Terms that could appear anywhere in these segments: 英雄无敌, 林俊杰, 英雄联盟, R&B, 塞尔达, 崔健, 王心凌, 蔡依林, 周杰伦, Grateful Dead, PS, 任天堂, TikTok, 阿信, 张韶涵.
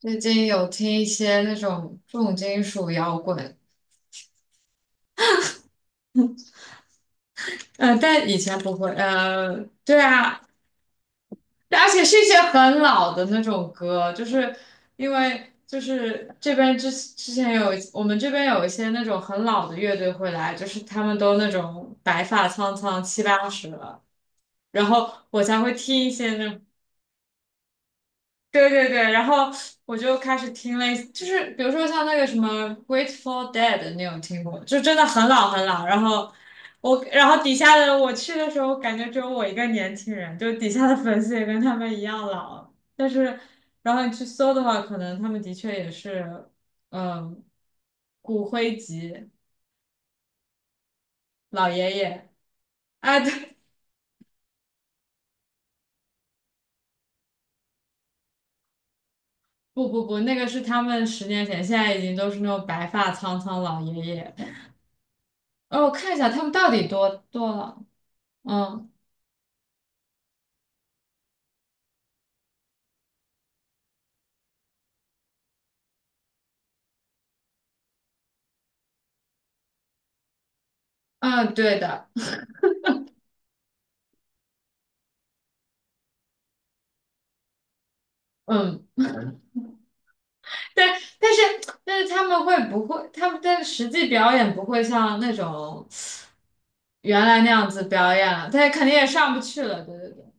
最近有听一些那种重金属摇滚，但以前不会，对啊，而且是一些很老的那种歌，就是因为就是这边之前有我们这边有一些那种很老的乐队会来，就是他们都那种白发苍苍七八十了，然后我才会听一些那种。对对对，然后我就开始听类似，就是比如说像那个什么《Grateful Dead》，你有听过？就真的很老很老。然后我，然后底下的我去的时候，感觉只有我一个年轻人，就底下的粉丝也跟他们一样老。但是，然后你去搜的话，可能他们的确也是，嗯，骨灰级老爷爷。啊。对，不不不，那个是他们十年前，现在已经都是那种白发苍苍老爷爷。哦，我看一下他们到底多老。嗯嗯，对的，嗯，但但是但是他们会不会，他们的实际表演不会像那种原来那样子表演了，他肯定也上不去了，对对对。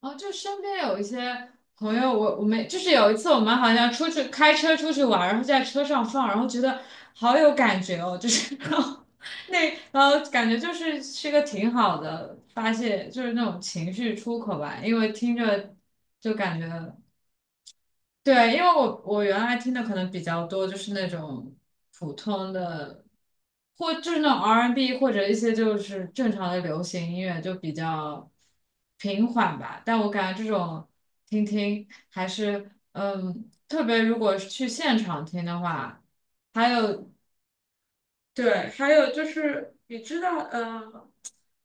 哦，就身边有一些朋友，我们就是有一次我们好像出去开车出去玩，然后在车上放，然后觉得好有感觉哦，就是 然后那然后感觉就是个挺好的发泄，就是那种情绪出口吧，因为听着就感觉。对，因为我原来听的可能比较多，就是那种普通的，或就是那种 R&B 或者一些就是正常的流行音乐，就比较平缓吧。但我感觉这种听听还是，特别如果是去现场听的话，还有对，还有就是你知道，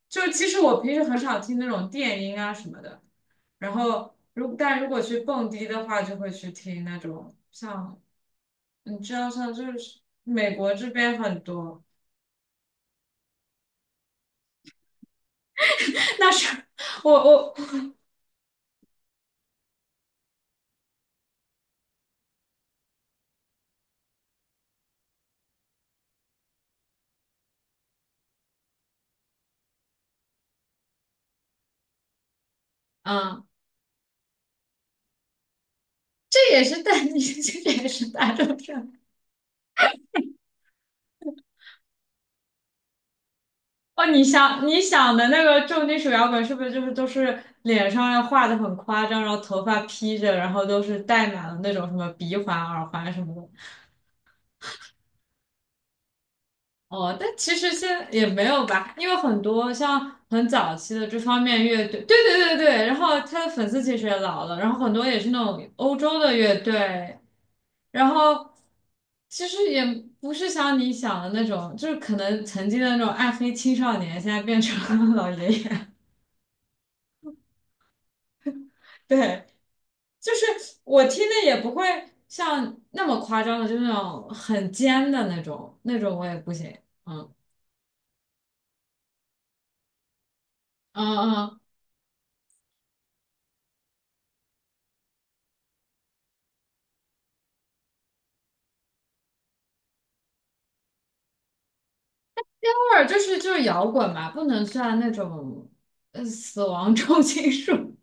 就其实我平时很少听那种电音啊什么的，然后但如果去蹦迪的话，就会去听那种像你知道像就是美国这边很多，那是我嗯，这也是大，你这也是大众上哦。你想的那个重金属摇滚是不是就是都是脸上要画的很夸张，然后头发披着，然后都是戴满了那种什么鼻环、耳环什么的？哦，但其实现在也没有吧，因为很多像很早期的这方面乐队，对对对对，然后他的粉丝其实也老了，然后很多也是那种欧洲的乐队，然后其实也不是像你想的那种，就是可能曾经的那种暗黑青少年，现在变成了老爷爷，对，就是我听的也不会像那么夸张的，就是那种很尖的那种，那种我也不行，嗯嗯或者就是摇滚嘛，不能算那种死亡重金属。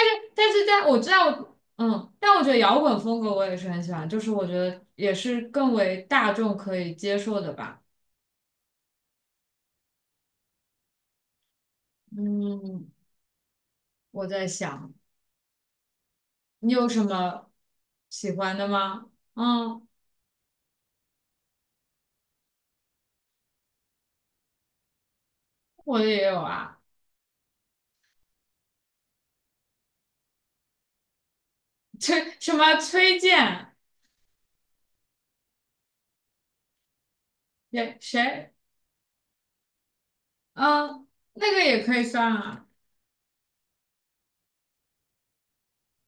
但是在我知道，但我觉得摇滚风格我也是很喜欢，就是我觉得也是更为大众可以接受的吧。嗯，我在想，你有什么喜欢的吗？嗯，我的也有啊，崔什么崔健也谁？嗯，那个也可以算啊，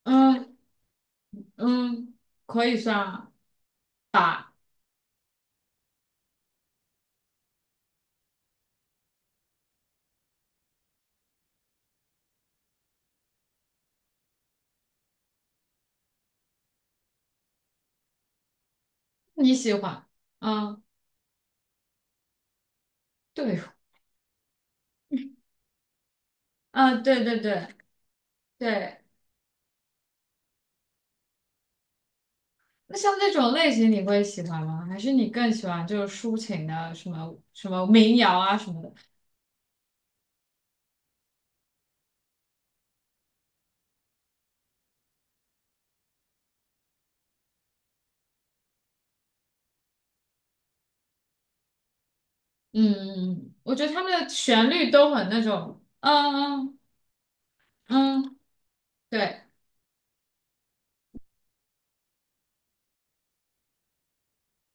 嗯嗯，可以算啊吧，你喜欢，嗯。对付，啊，对对对对，那像那种类型你会喜欢吗？还是你更喜欢就是抒情的，什么什么民谣啊什么的？嗯，我觉得他们的旋律都很那种，嗯嗯，嗯，对，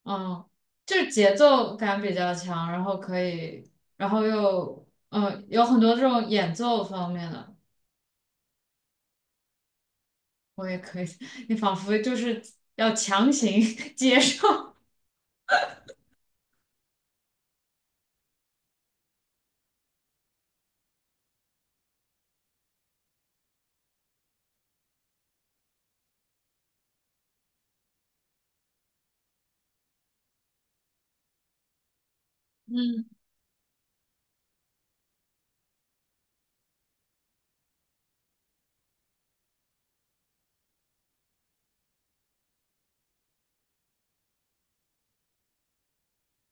嗯，就是节奏感比较强，然后可以，然后又有很多这种演奏方面的，我也可以，你仿佛就是要强行 接受，嗯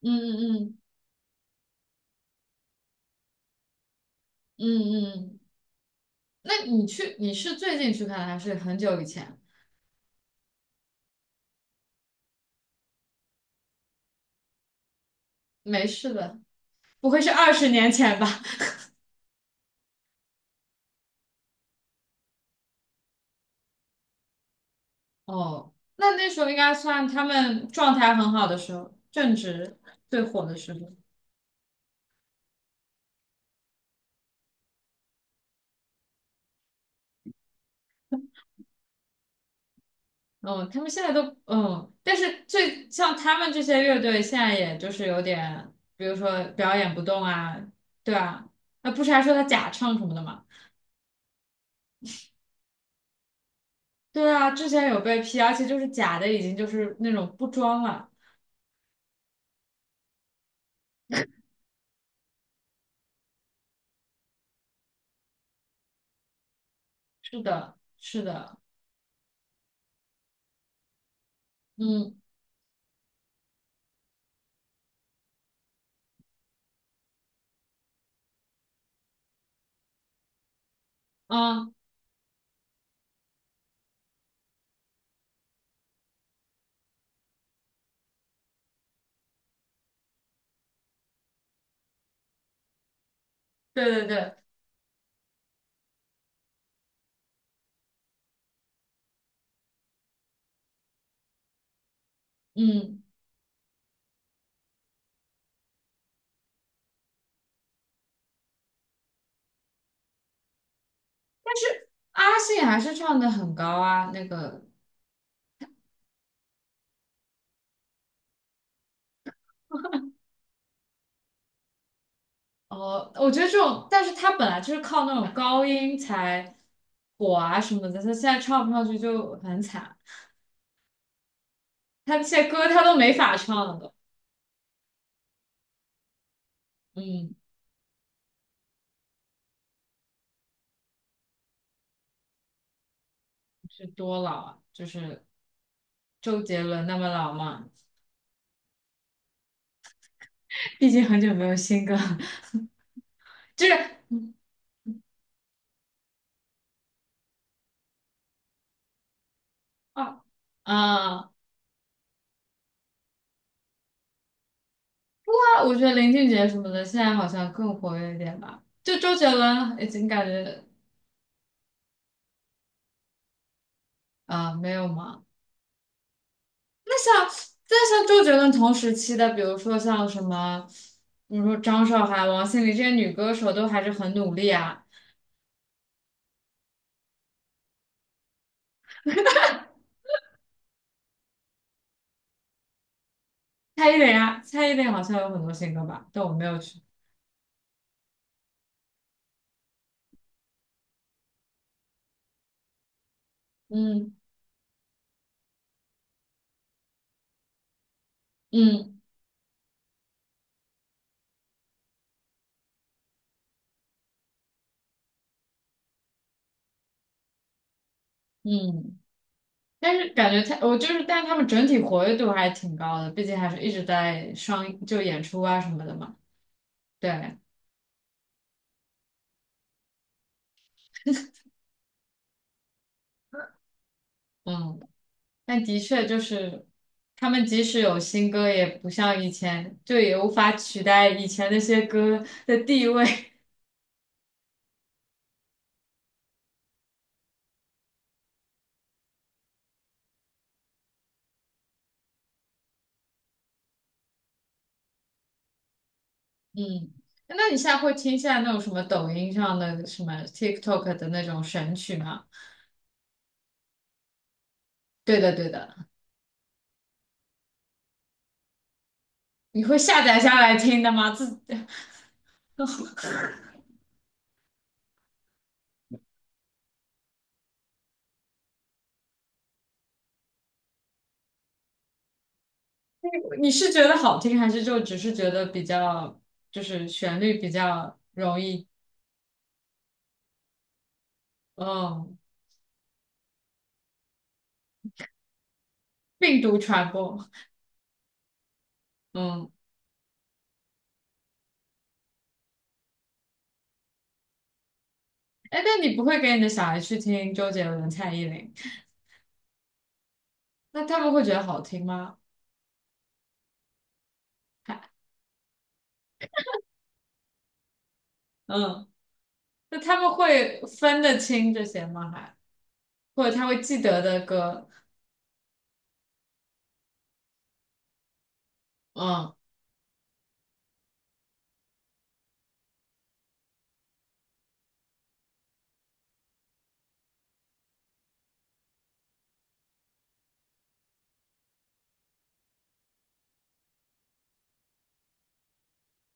嗯嗯嗯嗯嗯。那你去，你是最近去看的还是很久以前？没事的，不会是20年前吧？哦，那时候应该算他们状态很好的时候，正值最火的时候。嗯，他们现在都但是最像他们这些乐队，现在也就是有点，比如说表演不动啊，对啊，那不是还说他假唱什么的嘛？对啊，之前有被批，而且就是假的，已经就是那种不装了。是的，是的，嗯嗯，对对对。嗯，阿信还是唱的很高啊，我觉得这种，但是他本来就是靠那种高音才火啊什么的，他现在唱不上去就很惨，他那些歌他都没法唱了都，嗯，是多老啊，就是周杰伦那么老吗？毕竟很久没有新歌了，就是啊啊，我觉得林俊杰什么的现在好像更活跃一点吧，就周杰伦已经感觉啊没有吗？像，但像周杰伦同时期的，比如说像什么，比如说张韶涵、王心凌这些女歌手，都还是很努力啊。蔡依林啊，蔡依林好像有很多新歌吧，但我没有去。嗯嗯嗯，但是感觉他，我就是，但是他们整体活跃度还挺高的，毕竟还是一直在上就演出啊什么的嘛。对，嗯，但的确就是。他们即使有新歌，也不像以前，就也无法取代以前那些歌的地位。嗯，那你现在会听现在那种什么抖音上的什么 TikTok 的那种神曲吗？对的，对的，你会下载下来听的吗？自 你是觉得好听，还是就只是觉得比较，就是旋律比较容易，嗯，病毒传播，嗯，哎，那你不会给你的小孩去听周杰伦、蔡依林，那他们会觉得好听吗？还，嗯，那他们会分得清这些吗？还，或者他会记得的歌，嗯，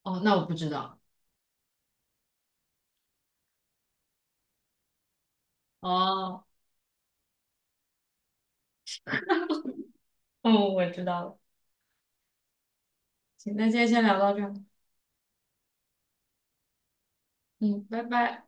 哦，那我不知道。哦，嗯，我知道了。行，那今天先聊到这儿。嗯，拜拜。